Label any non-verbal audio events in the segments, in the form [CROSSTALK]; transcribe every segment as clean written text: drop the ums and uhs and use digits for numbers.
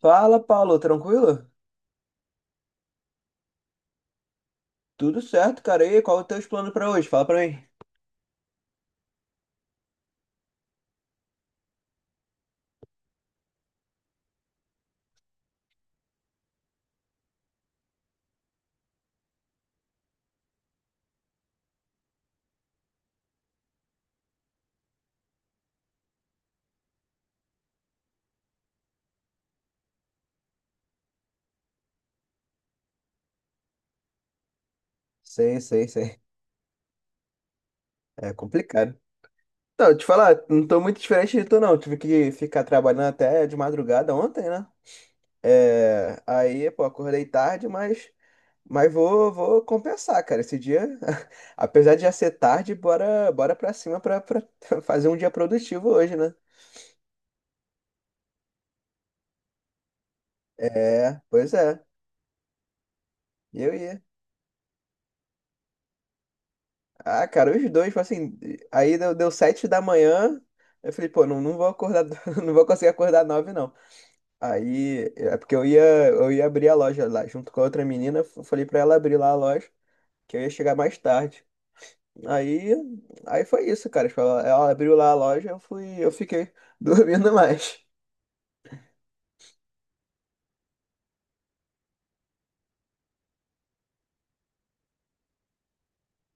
Fala, Paulo, tranquilo? Tudo certo, cara. E aí, qual é o teu plano pra hoje? Fala pra mim. Sei, sei, sei. É complicado. Então, te falar, não tô muito diferente de tu, não. Tive que ficar trabalhando até de madrugada ontem, né? É, aí, pô, acordei tarde, mas, mas vou compensar, cara. Esse dia, [LAUGHS] apesar de já ser tarde, bora pra cima pra [LAUGHS] fazer um dia produtivo hoje, né? É, pois é. Eu ia. Ah, cara, os dois, tipo assim, aí deu sete da manhã, eu falei, pô, não vou acordar, [LAUGHS] não vou conseguir acordar nove, não. Aí, é porque eu ia abrir a loja lá, junto com a outra menina, eu falei pra ela abrir lá a loja, que eu ia chegar mais tarde. Aí, aí foi isso, cara, tipo, ela abriu lá a loja, eu fui, eu fiquei [LAUGHS] dormindo mais.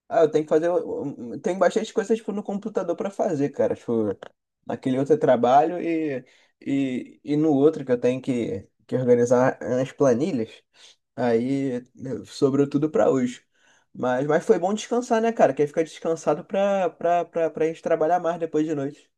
Ah, eu tenho que fazer. Tem bastante coisa, tipo, no computador pra fazer, cara. Tipo, naquele outro eu trabalho e, e no outro que eu tenho que organizar as planilhas. Aí sobrou tudo pra hoje. Mas foi bom descansar, né, cara? Que aí fica descansado pra, pra, pra, pra gente trabalhar mais depois de noite.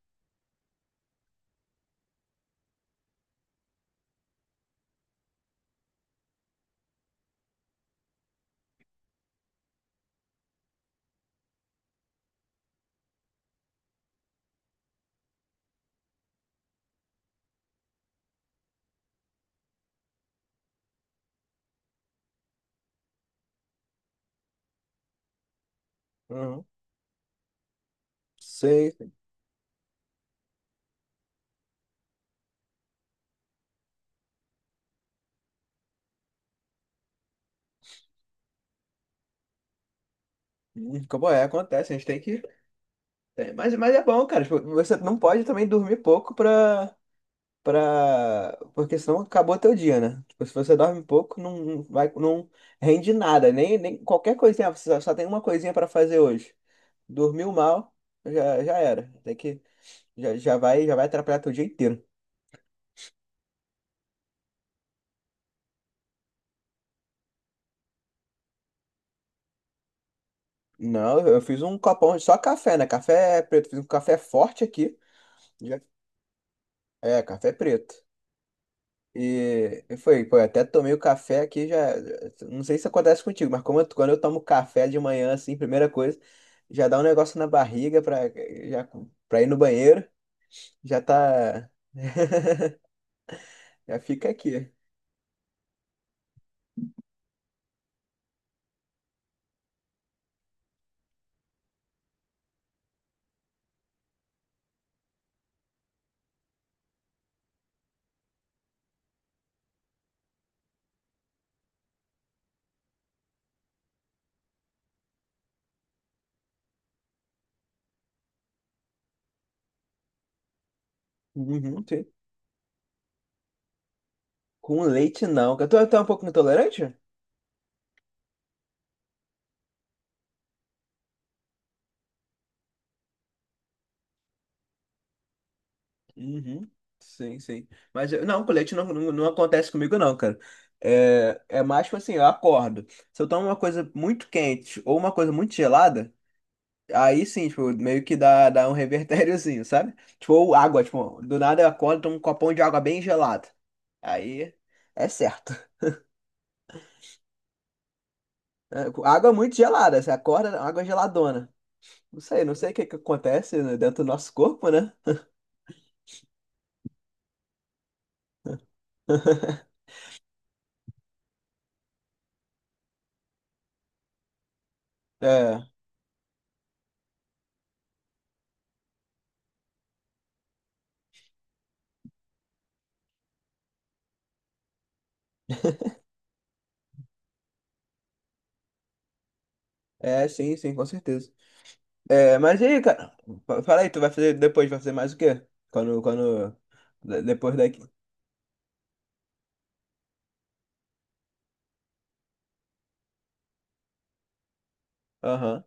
Uhum. Sei. Sei. Como é, acontece, a gente tem que. Mas é bom, cara. Tipo, você não pode também dormir pouco pra. Porque senão acabou teu dia, né? Tipo, se você dorme pouco, não vai, não rende nada, nem, nem qualquer coisinha, você só tem uma coisinha pra fazer hoje. Dormiu mal, já era. Tem que, já vai atrapalhar teu dia inteiro. Não, eu fiz um copão de só café, né? Café é preto, fiz um café forte aqui. Já- É, café preto. E foi, pô, eu até tomei o café aqui já. Não sei se acontece contigo, mas quando eu tomo café de manhã, assim, primeira coisa, já dá um negócio na barriga pra, já, pra ir no banheiro, já tá. [LAUGHS] Já fica aqui. Uhum, sim. Com leite não. Eu tô um pouco intolerante? Uhum. Sim, sim. Não, com leite não, não acontece comigo, não, cara. É, é mais tipo assim, eu acordo. Se eu tomo uma coisa muito quente ou uma coisa muito gelada. Aí sim, tipo, meio que dá um revertériozinho, sabe? Tipo, ou água, tipo, do nada eu acordo, tomo um copão de água bem gelada. Aí é certo. [LAUGHS] É, água muito gelada, você acorda, água geladona. Não sei, não sei o que que acontece, né, dentro do nosso corpo, né? [LAUGHS] É, é, sim, sim, com certeza. É, mas e aí, cara? Fala aí, tu vai fazer depois, vai fazer mais o quê? Quando, quando, depois daqui. Aham.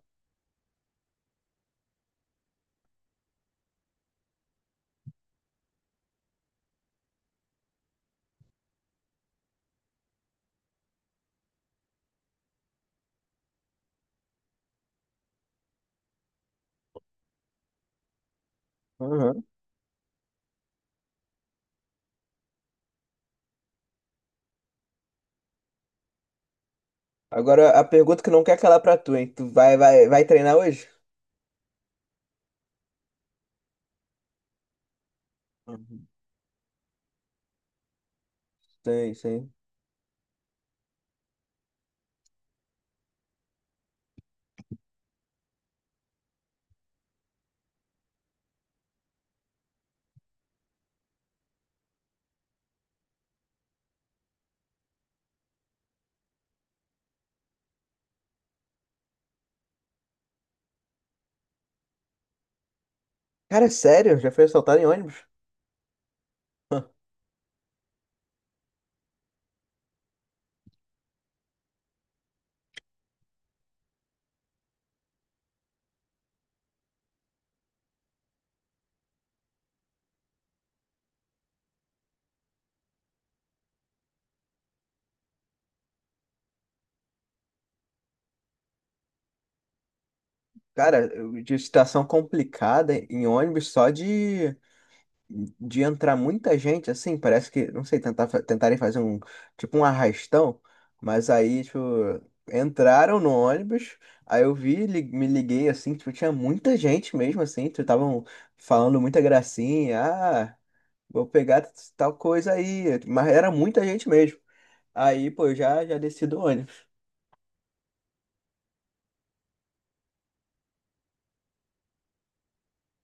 Uhum. Agora, a pergunta que não quer calar pra tu, hein? Tu vai treinar hoje? Uhum. Sei, sei. Cara, é sério, já foi assaltado em ônibus? [LAUGHS] Cara, de situação complicada em ônibus só de entrar muita gente, assim, parece que, não sei, tentarem fazer um, tipo um arrastão, mas aí, tipo, entraram no ônibus, aí eu vi, me liguei, assim, tipo, tinha muita gente mesmo, assim, tipo, estavam falando muita gracinha, ah, vou pegar tal coisa aí, mas era muita gente mesmo. Aí, pô, eu já, já desci do ônibus.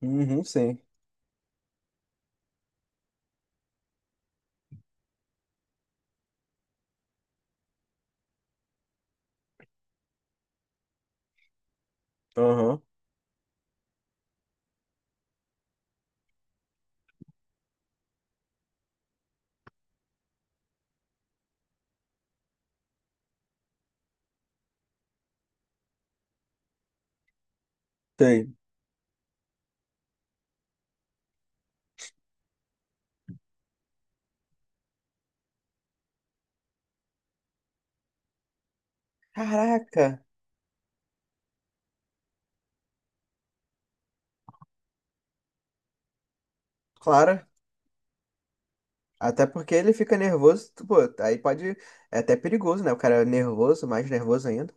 Uhum, sim. Aham, tem. Caraca, claro. Até porque ele fica nervoso, pô, aí pode. É até perigoso, né? O cara é nervoso, mais nervoso ainda.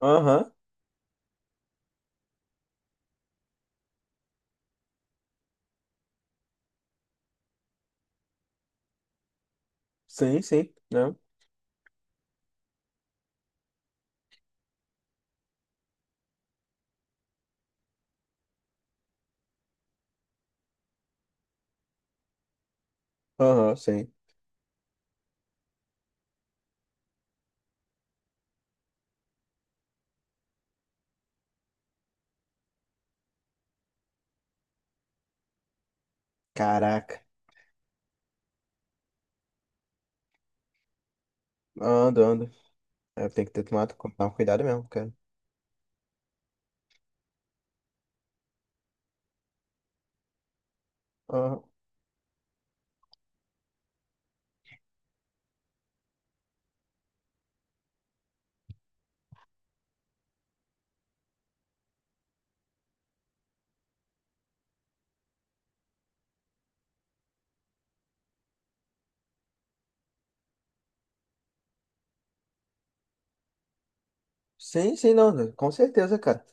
Aham, sim, sim, né? Aham, sim. Caraca, ando, ando. É, tem que ter tomado, tomar cuidado mesmo, cara. Aham. Sim, sim, não, com certeza, cara.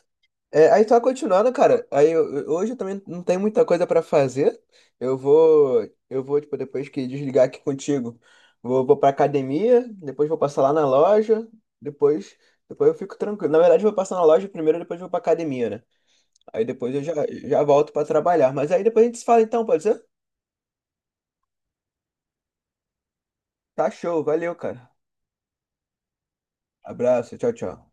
É, aí tá continuando, cara. Aí hoje eu também não tenho muita coisa pra fazer. Eu vou, eu vou tipo depois que desligar aqui [LAUGHS] contigo, vou para academia, depois vou passar lá na loja, depois, depois eu fico tranquilo. Na verdade, eu vou passar na loja primeiro, depois vou pra academia, né? Aí depois eu já volto pra trabalhar. Mas aí depois a gente se fala então, pode ser? Tá show, valeu, cara. Abraço, tchau, tchau.